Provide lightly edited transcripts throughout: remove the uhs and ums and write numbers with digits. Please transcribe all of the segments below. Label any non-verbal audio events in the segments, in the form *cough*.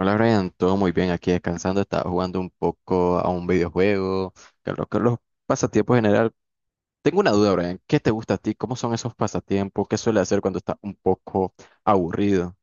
Hola Brian, todo muy bien aquí descansando, estaba jugando un poco a un videojuego. Que lo que los pasatiempos en general. Tengo una duda, Brian, ¿qué te gusta a ti? ¿Cómo son esos pasatiempos? ¿Qué suele hacer cuando estás un poco aburrido?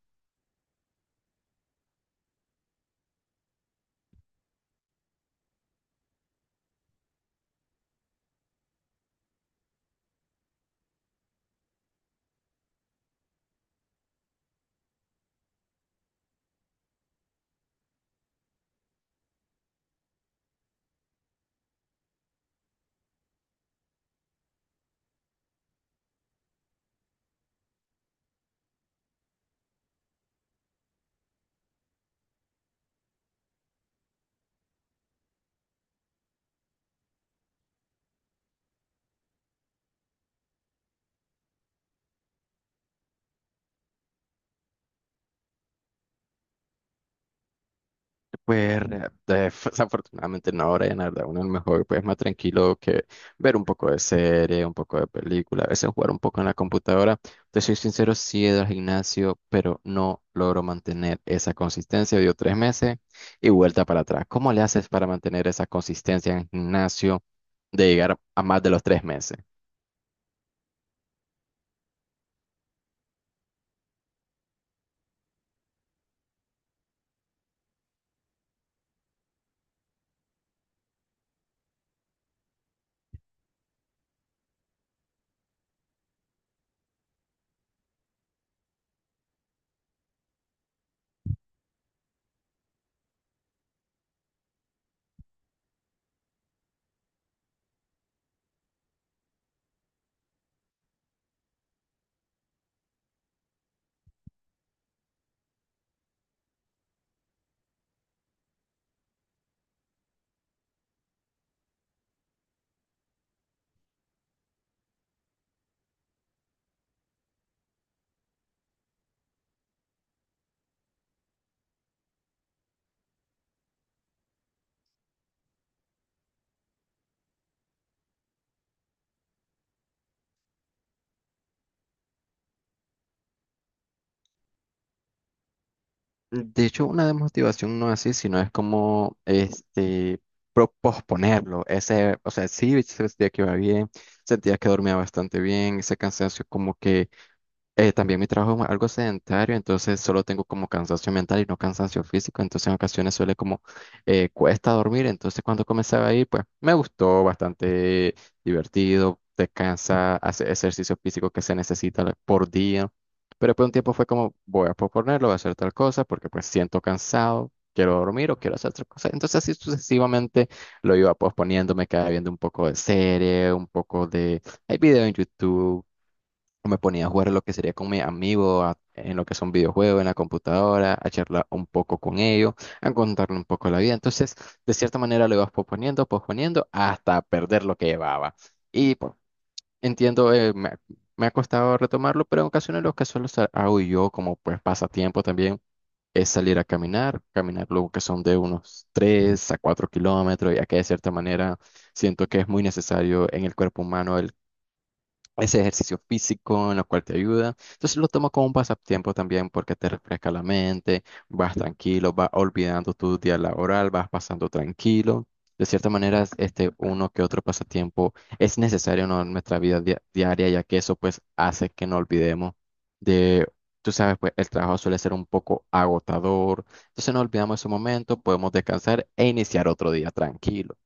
Pues *laughs* desafortunadamente no, Brian, la verdad, uno a lo mejor pues más tranquilo que ver un poco de serie, un poco de película, a veces jugar un poco en la computadora. Te soy sincero, sí he ido al gimnasio, pero no logro mantener esa consistencia. Dio tres meses y vuelta para atrás. ¿Cómo le haces para mantener esa consistencia en el gimnasio de llegar a más de los tres meses? De hecho, una desmotivación no es así, sino es como posponerlo. Ese, o sea, sí sentía que iba bien, sentía que dormía bastante bien, ese cansancio como que también mi trabajo es algo sedentario, entonces solo tengo como cansancio mental y no cansancio físico, entonces en ocasiones suele como cuesta dormir. Entonces cuando comenzaba ahí, pues me gustó, bastante divertido, descansa, hace ejercicio físico que se necesita por día. Pero después de un tiempo fue como voy a posponerlo, voy a hacer tal cosa porque pues siento cansado, quiero dormir o quiero hacer otra cosa. Entonces así sucesivamente lo iba posponiendo, me quedaba viendo un poco de serie, un poco de, hay video en YouTube, o me ponía a jugar lo que sería con mi amigo en lo que son videojuegos, en la computadora, a charlar un poco con ellos, a contarle un poco la vida. Entonces, de cierta manera lo ibas posponiendo, posponiendo hasta perder lo que llevaba. Y pues, entiendo. Me ha costado retomarlo, pero en ocasiones lo que solo hago yo como pues pasatiempo también es salir a caminar, caminar luego que son de unos 3 a 4 kilómetros, ya que de cierta manera siento que es muy necesario en el cuerpo humano ese ejercicio físico en lo cual te ayuda. Entonces lo tomo como un pasatiempo también porque te refresca la mente, vas tranquilo, vas olvidando tu día laboral, vas pasando tranquilo. De cierta manera, es, este uno que otro pasatiempo es necesario, ¿no?, en nuestra vida diaria, ya que eso pues hace que no olvidemos de, tú sabes, pues el trabajo suele ser un poco agotador. Entonces no olvidamos ese momento, podemos descansar e iniciar otro día tranquilo.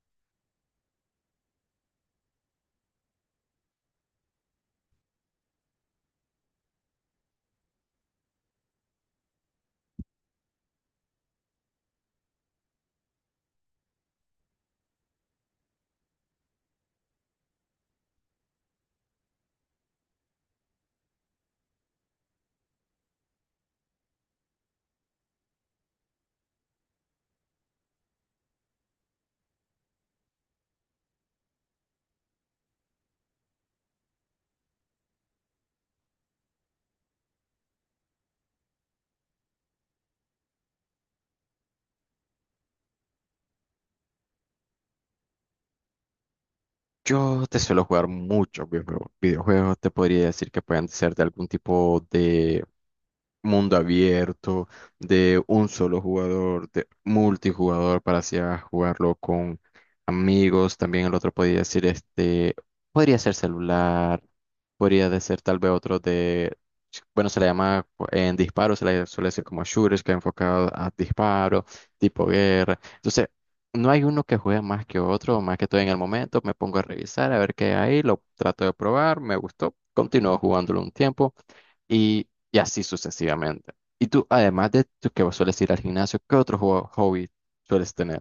Yo te suelo jugar muchos videojuegos. Videojuegos te podría decir que pueden ser de algún tipo de mundo abierto, de un solo jugador, de multijugador para así a jugarlo con amigos. También el otro podría decir este, podría ser celular, podría de ser tal vez otro de, bueno, se le llama en disparo, se le suele decir como shooters, que enfocado a disparo, tipo guerra. Entonces, no hay uno que juegue más que otro, más que todo en el momento, me pongo a revisar, a ver qué hay, lo trato de probar, me gustó, continúo jugándolo un tiempo y así sucesivamente. Y tú, además de tú que sueles ir al gimnasio, ¿qué otro hobby sueles tener?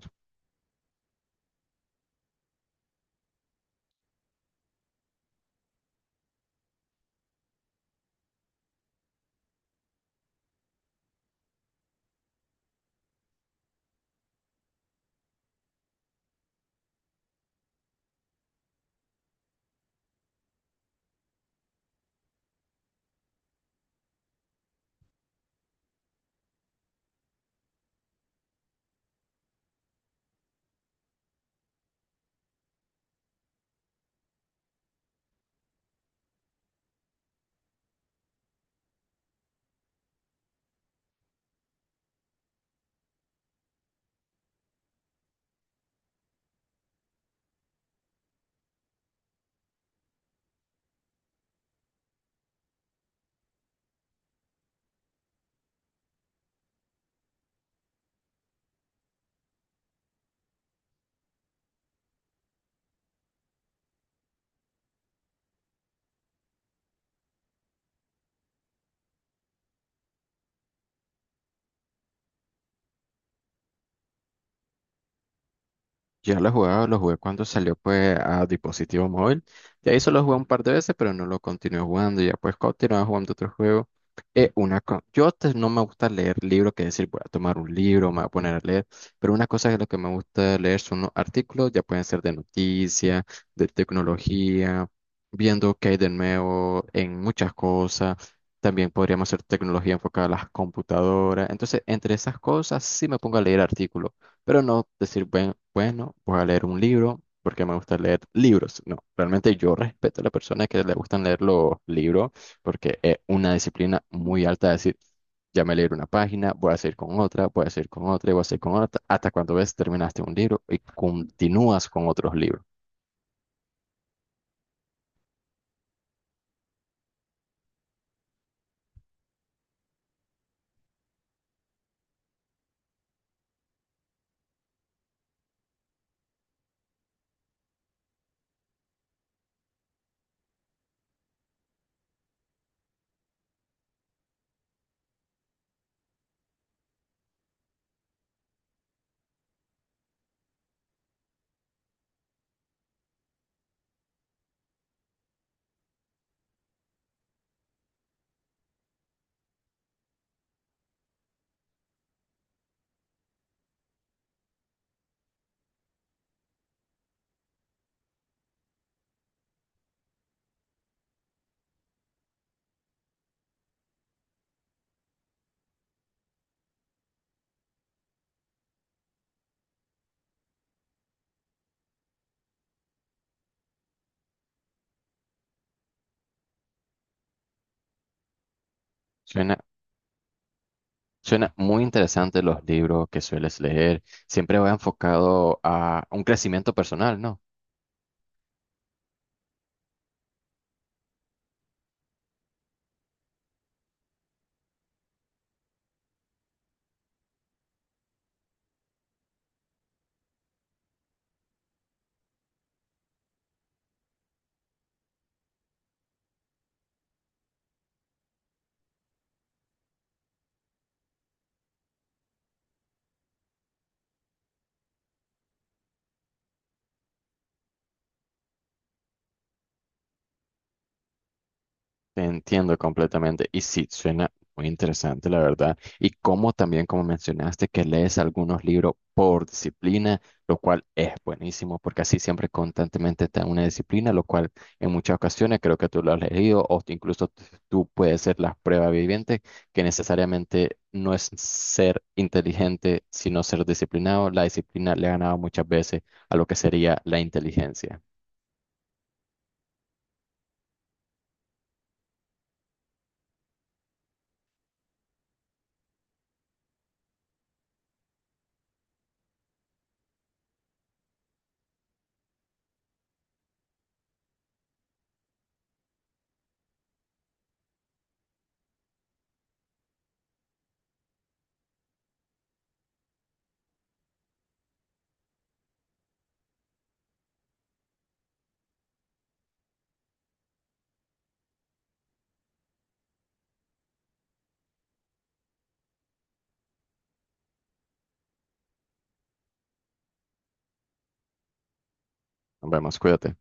Yo lo jugaba, lo jugué cuando salió pues a dispositivo móvil. De ahí solo jugué un par de veces, pero no lo continué jugando. Ya pues continuaba jugando otro juego. Una co- Yo te- No me gusta leer libros, que decir, voy a tomar un libro, me voy a poner a leer. Pero una cosa que lo que me gusta leer son los artículos, ya pueden ser de noticias, de tecnología, viendo qué hay de nuevo en muchas cosas. También podríamos hacer tecnología enfocada a las computadoras. Entonces, entre esas cosas, sí me pongo a leer artículos. Pero no decir, bueno, voy a leer un libro porque me gusta leer libros. No, realmente yo respeto a las personas que le gustan leer los libros porque es una disciplina muy alta de decir, ya me leí una página, voy a seguir con otra, voy a seguir con otra y voy a seguir con otra, hasta cuando ves terminaste un libro y continúas con otros libros. Suena, suena muy interesante los libros que sueles leer. Siempre va enfocado a un crecimiento personal, ¿no? Te entiendo completamente. Y sí, suena muy interesante, la verdad. Y como también, como mencionaste, que lees algunos libros por disciplina, lo cual es buenísimo, porque así siempre constantemente está una disciplina, lo cual en muchas ocasiones creo que tú lo has leído, incluso tú puedes ser las pruebas vivientes, que necesariamente no es ser inteligente, sino ser disciplinado. La disciplina le ha ganado muchas veces a lo que sería la inteligencia. Nos vemos, cuídate.